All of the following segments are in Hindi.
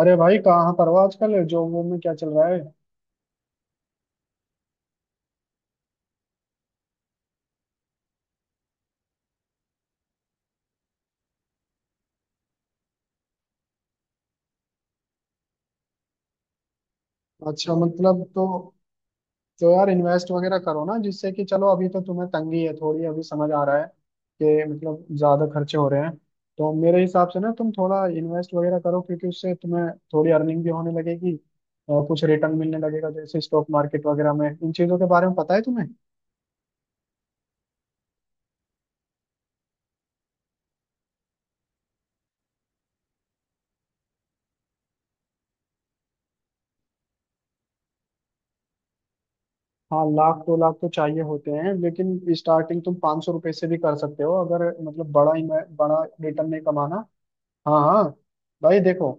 अरे भाई, कहाँ पर हो आजकल? जॉब वॉब में क्या चल रहा है? अच्छा मतलब तो यार इन्वेस्ट वगैरह करो ना, जिससे कि चलो अभी तो तुम्हें तंगी है थोड़ी, अभी समझ आ रहा है कि मतलब ज्यादा खर्चे हो रहे हैं। तो मेरे हिसाब से ना तुम थोड़ा इन्वेस्ट वगैरह करो, क्योंकि उससे तुम्हें थोड़ी अर्निंग भी होने लगेगी और कुछ रिटर्न मिलने लगेगा, जैसे स्टॉक मार्केट वगैरह में। इन चीजों के बारे में पता है तुम्हें? हाँ, लाख दो लाख तो चाहिए होते हैं, लेकिन स्टार्टिंग तुम 500 रुपये से भी कर सकते हो, अगर मतलब बड़ा बड़ा रिटर्न नहीं कमाना। हाँ हाँ। भाई देखो,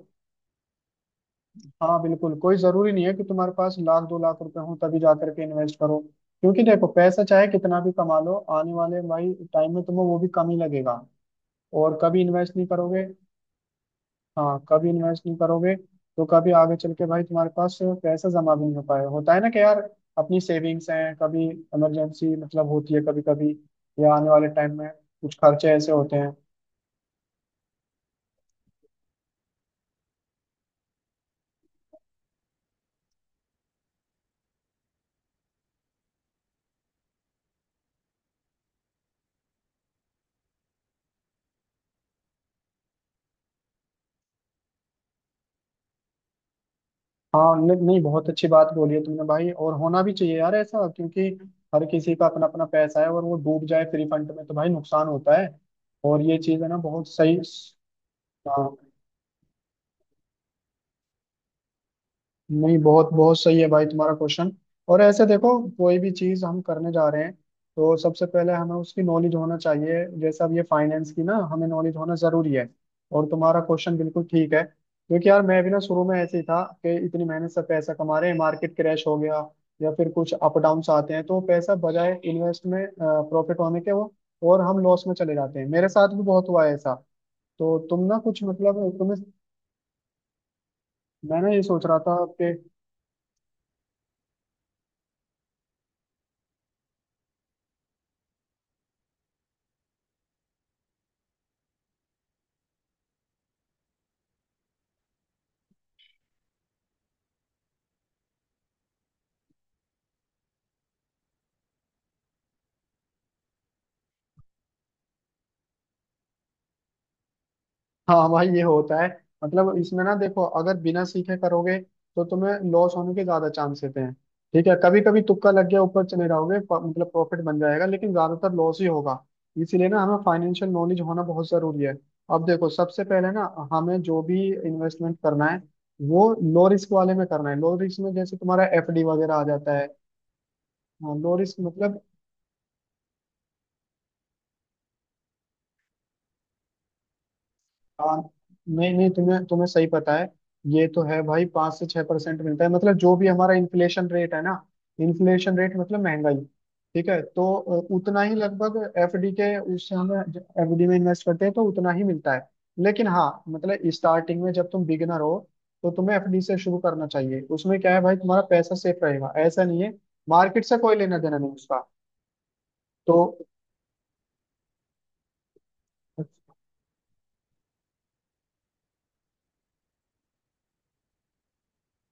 हाँ बिल्कुल, कोई जरूरी नहीं है कि तुम्हारे पास लाख दो लाख रुपए हो तभी जा करके इन्वेस्ट करो। क्योंकि देखो, पैसा चाहे कितना भी कमा लो आने वाले भाई टाइम में तुम्हें वो भी कम ही लगेगा, और कभी इन्वेस्ट नहीं करोगे। हाँ, कभी इन्वेस्ट नहीं करोगे तो कभी आगे चल के भाई तुम्हारे पास पैसा जमा भी नहीं हो पाए। होता है ना कि यार, अपनी सेविंग्स हैं, कभी इमरजेंसी मतलब होती है कभी कभी, या आने वाले टाइम में कुछ खर्चे ऐसे होते हैं। हाँ नहीं नहीं, बहुत अच्छी बात बोली है तुमने भाई, और होना भी चाहिए यार ऐसा, क्योंकि हर किसी का अपना अपना पैसा है, और वो डूब जाए फ्री फंड में तो भाई नुकसान होता है। और ये चीज है ना, बहुत सही। हाँ, नहीं बहुत बहुत सही है भाई तुम्हारा क्वेश्चन। और ऐसे देखो, कोई भी चीज हम करने जा रहे हैं तो सबसे पहले हमें उसकी नॉलेज होना चाहिए। जैसे अब ये फाइनेंस की ना हमें नॉलेज होना जरूरी है। और तुम्हारा क्वेश्चन बिल्कुल ठीक है, क्योंकि यार मैं भी ना शुरू में ऐसे ही था कि इतनी मेहनत से पैसा कमा रहे हैं, मार्केट क्रैश हो गया, या फिर कुछ अप डाउन्स आते हैं, तो पैसा बजाय इन्वेस्ट में प्रॉफिट होने के वो, और हम लॉस में चले जाते हैं। मेरे साथ भी बहुत हुआ है ऐसा। तो तुम ना कुछ मतलब तुम्हें, मैं ना ये सोच रहा था कि। हाँ भाई, ये होता है। मतलब इसमें ना देखो, अगर बिना सीखे करोगे तो तुम्हें लॉस होने के ज्यादा चांस रहते हैं। ठीक है, कभी कभी तुक्का लग गया ऊपर चले जाओगे, मतलब प्रॉफिट बन जाएगा, लेकिन ज्यादातर लॉस ही होगा। इसीलिए ना हमें फाइनेंशियल नॉलेज होना बहुत जरूरी है। अब देखो, सबसे पहले ना हमें जो भी इन्वेस्टमेंट करना है वो लो रिस्क वाले में करना है। लो रिस्क में जैसे तुम्हारा एफडी वगैरह आ जाता है। लो रिस्क मतलब। हाँ नहीं नहीं, तुम्हें तुम्हें सही पता है। ये तो है भाई, 5 से 6% मिलता है, मतलब जो भी हमारा इन्फ्लेशन रेट है ना, इन्फ्लेशन रेट मतलब महंगाई। ठीक है, तो उतना ही लगभग एफडी के, उससे हमें, एफडी में इन्वेस्ट करते हैं तो उतना ही मिलता है। लेकिन हाँ, मतलब स्टार्टिंग में जब तुम बिगिनर हो तो तुम्हें एफडी से शुरू करना चाहिए। उसमें क्या है भाई, तुम्हारा पैसा सेफ रहेगा, ऐसा नहीं है, मार्केट से कोई लेना देना नहीं उसका। तो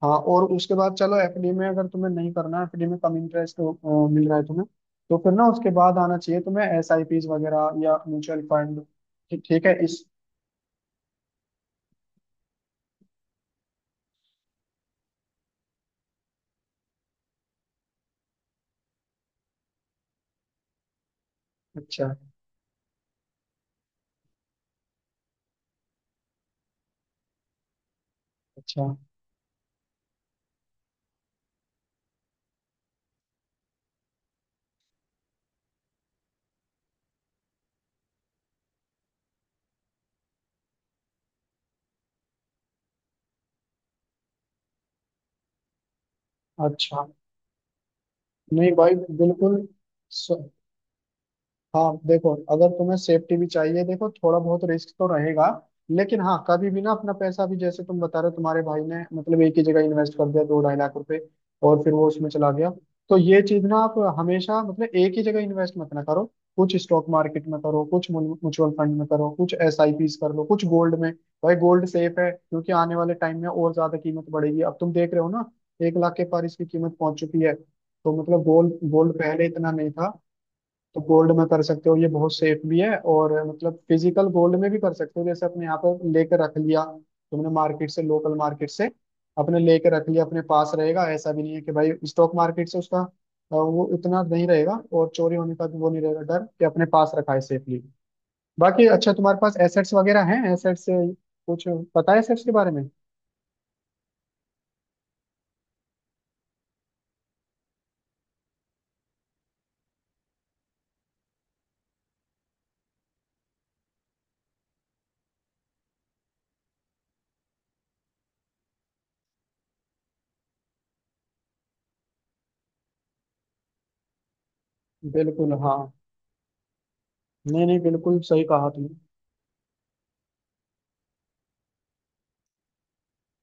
हाँ, और उसके बाद चलो एफडी में अगर तुम्हें नहीं करना, एफडी में कम इंटरेस्ट मिल रहा है तुम्हें, तो फिर ना उसके बाद आना चाहिए तुम्हें एसआईपीज वगैरह या म्यूचुअल फंड। ठीक ठीक है इस। अच्छा अच्छा अच्छा। नहीं भाई, बिल्कुल। स- हाँ देखो, अगर तुम्हें सेफ्टी भी चाहिए, देखो थोड़ा बहुत रिस्क तो रहेगा। लेकिन हाँ, कभी भी ना अपना पैसा भी, जैसे तुम बता रहे हो तुम्हारे भाई ने मतलब एक ही जगह इन्वेस्ट कर दिया दो ढाई लाख रुपए, और फिर वो उसमें चला गया। तो ये चीज ना, आप हमेशा मतलब एक ही जगह इन्वेस्ट मत ना करो। कुछ स्टॉक मार्केट में करो, कुछ म्यूचुअल फंड में करो, कुछ एसआईपीस कर लो, कुछ गोल्ड में। भाई गोल्ड सेफ है, क्योंकि आने वाले टाइम में और ज्यादा कीमत बढ़ेगी। अब तुम देख रहे हो ना, 1 लाख के पार इसकी कीमत पहुंच चुकी है, तो मतलब गोल्ड, गोल्ड पहले इतना नहीं था। तो गोल्ड में कर सकते हो, ये बहुत सेफ भी है, और मतलब फिजिकल गोल्ड में भी कर सकते हो। जैसे अपने यहाँ पर लेकर रख लिया तुमने, मार्केट से, लोकल मार्केट से, अपने लेकर रख लिया, अपने पास रहेगा। ऐसा भी नहीं है कि भाई, स्टॉक मार्केट से उसका वो इतना नहीं रहेगा, और चोरी होने का भी वो नहीं रहेगा डर, कि अपने पास रखा है सेफली। बाकी अच्छा, तुम्हारे पास एसेट्स वगैरह हैं? एसेट्स कुछ पता है एसेट्स के बारे में? बिल्कुल। हाँ नहीं नहीं, बिल्कुल सही कहा तुमने।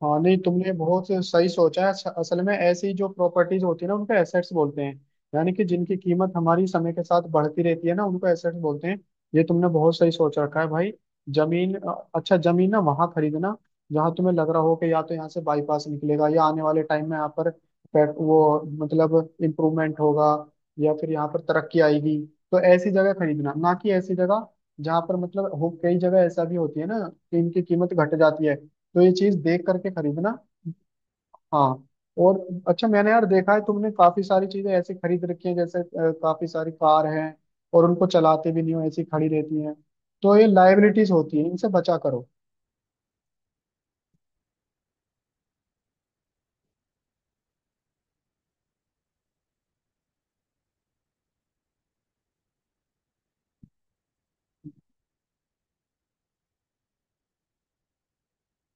हाँ, नहीं तुमने बहुत सही सोचा है। असल में ऐसी जो प्रॉपर्टीज होती है ना, उनको एसेट्स बोलते हैं। यानी कि जिनकी कीमत हमारी समय के साथ बढ़ती रहती है ना, उनको एसेट्स बोलते हैं। ये तुमने बहुत सही सोच रखा है भाई। जमीन, अच्छा जमीन ना वहां खरीदना, जहाँ तुम्हें लग रहा हो कि या तो यहाँ से बाईपास निकलेगा, या आने वाले टाइम में यहाँ पर वो मतलब इम्प्रूवमेंट होगा, या फिर यहाँ पर तरक्की आएगी। तो ऐसी जगह खरीदना ना, कि ऐसी जगह जहाँ पर मतलब कई जगह ऐसा भी होती है ना कि इनकी कीमत घट जाती है, तो ये चीज देख करके खरीदना। हाँ। और अच्छा, मैंने यार देखा है तुमने काफी सारी चीजें ऐसी खरीद रखी हैं, जैसे काफी सारी कार हैं और उनको चलाते भी नहीं हो, ऐसी खड़ी रहती हैं। तो ये लाइबिलिटीज होती है, इनसे बचा करो।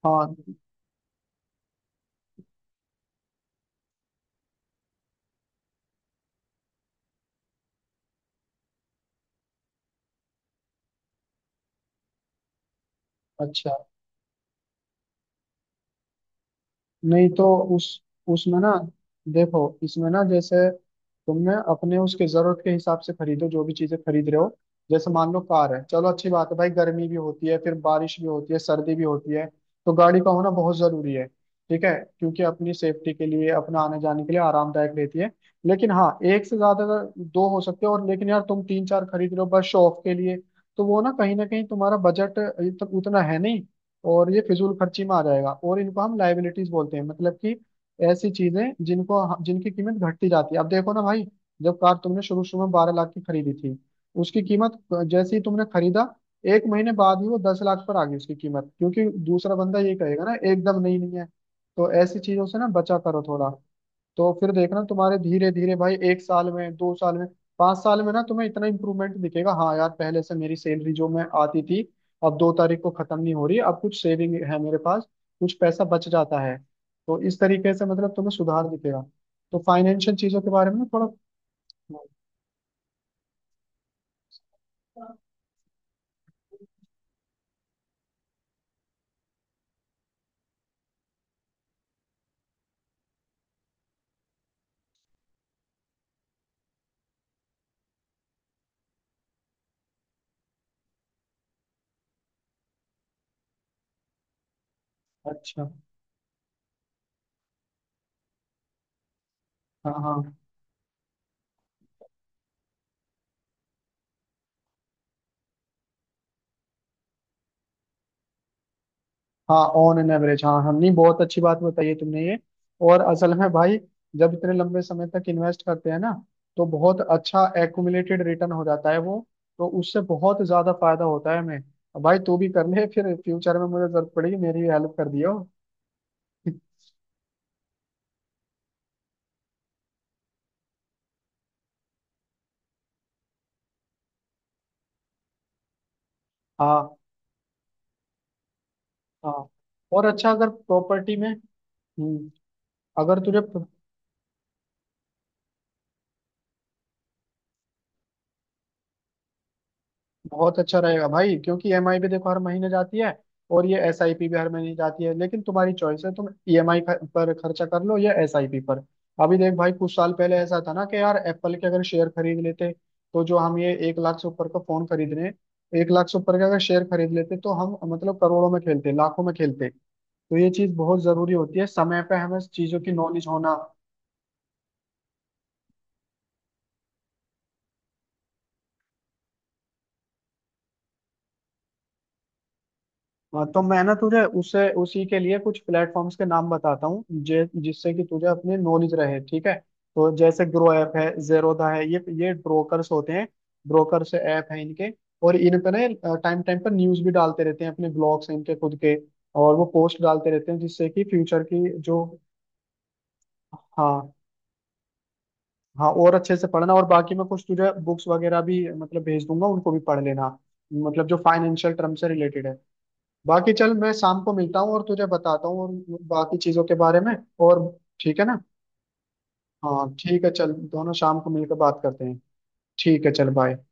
हाँ, अच्छा, नहीं तो उस उसमें ना देखो, इसमें ना जैसे तुमने अपने उसके जरूरत के हिसाब से खरीदो, जो भी चीजें खरीद रहे हो, जैसे मान लो कार है। चलो अच्छी बात है भाई, गर्मी भी होती है, फिर बारिश भी होती है, सर्दी भी होती है, तो गाड़ी का होना बहुत जरूरी है। ठीक है, क्योंकि अपनी सेफ्टी के लिए, अपना आने जाने के लिए आरामदायक रहती है। लेकिन हाँ, एक से ज्यादा अगर दो हो सकते हो, और लेकिन यार तुम तीन चार खरीद रहे हो बस शो ऑफ के लिए। तो वो ना कहीं तुम्हारा बजट उतना है नहीं, और ये फिजूल खर्ची में आ जाएगा, और इनको हम लाइबिलिटीज बोलते हैं, मतलब कि ऐसी चीजें जिनको, जिनकी कीमत घटती जाती है। अब देखो ना भाई, जब कार तुमने शुरू शुरू में 12 लाख की खरीदी थी, उसकी कीमत, जैसे ही तुमने खरीदा, 1 महीने बाद ही वो 10 लाख पर आ गई उसकी कीमत, क्योंकि दूसरा बंदा ये कहेगा ना, एकदम नई नहीं है। तो ऐसी चीजों से ना बचा करो थोड़ा। तो फिर देखना तुम्हारे, धीरे धीरे भाई 1 साल में, 2 साल में, 5 साल में ना तुम्हें इतना इम्प्रूवमेंट दिखेगा। हाँ यार पहले से मेरी सैलरी जो मैं आती थी, अब 2 तारीख को खत्म नहीं हो रही, अब कुछ सेविंग है मेरे पास, कुछ पैसा बच जाता है। तो इस तरीके से मतलब तुम्हें सुधार दिखेगा। तो फाइनेंशियल चीजों के बारे में ना थोड़ा। अच्छा। हाँ हाँ, हाँ ऑन एन एवरेज। हाँ, हमने बहुत अच्छी बात बताई है तुमने ये। और असल में भाई, जब इतने लंबे समय तक इन्वेस्ट करते हैं ना, तो बहुत अच्छा एक्यूमुलेटेड रिटर्न हो जाता है वो, तो उससे बहुत ज्यादा फायदा होता है हमें। भाई तू भी कर ले, फिर फ्यूचर में मुझे जरूरत पड़ेगी, मेरी भी हेल्प कर दियो। हाँ हाँ, और अच्छा अगर प्रॉपर्टी में, हम्म, अगर तुझे, बहुत अच्छा रहेगा भाई। क्योंकि ईएमआई भी देखो हर महीने जाती है, और ये एसआईपी भी हर महीने जाती है, लेकिन तुम्हारी चॉइस है, तुम ईएमआई पर खर्चा कर लो या एसआईपी पर। अभी देख भाई, कुछ साल पहले ऐसा था ना कि यार, एप्पल के अगर शेयर खरीद लेते, तो जो हम ये 1 लाख से ऊपर का फोन खरीद रहे हैं, 1 लाख से ऊपर का अगर शेयर खरीद लेते तो हम मतलब करोड़ों में खेलते, लाखों में खेलते। तो ये चीज बहुत जरूरी होती है, समय पे हमें चीजों की नॉलेज होना। हाँ, तो मैं ना तुझे उसे उसी के लिए कुछ प्लेटफॉर्म्स के नाम बताता हूँ, जिससे कि तुझे अपनी नॉलेज रहे। ठीक है, तो जैसे ग्रो ऐप है, जेरोधा है, ये ब्रोकर्स होते हैं। ब्रोकर्स ऐप है इनके, और इन पे ना टाइम टाइम पर न्यूज भी डालते रहते हैं, अपने ब्लॉग्स हैं इनके खुद के। और वो पोस्ट डालते रहते हैं जिससे कि फ्यूचर की जो। हाँ हाँ, और अच्छे से पढ़ना, और बाकी मैं कुछ तुझे बुक्स वगैरह भी मतलब भेज दूंगा, उनको भी पढ़ लेना, मतलब जो फाइनेंशियल टर्म से रिलेटेड है। बाकी चल, मैं शाम को मिलता हूँ और तुझे बताता हूँ, और बाकी चीजों के बारे में, और ठीक है ना? हाँ ठीक है, चल दोनों शाम को मिलकर बात करते हैं। ठीक है, चल बाय।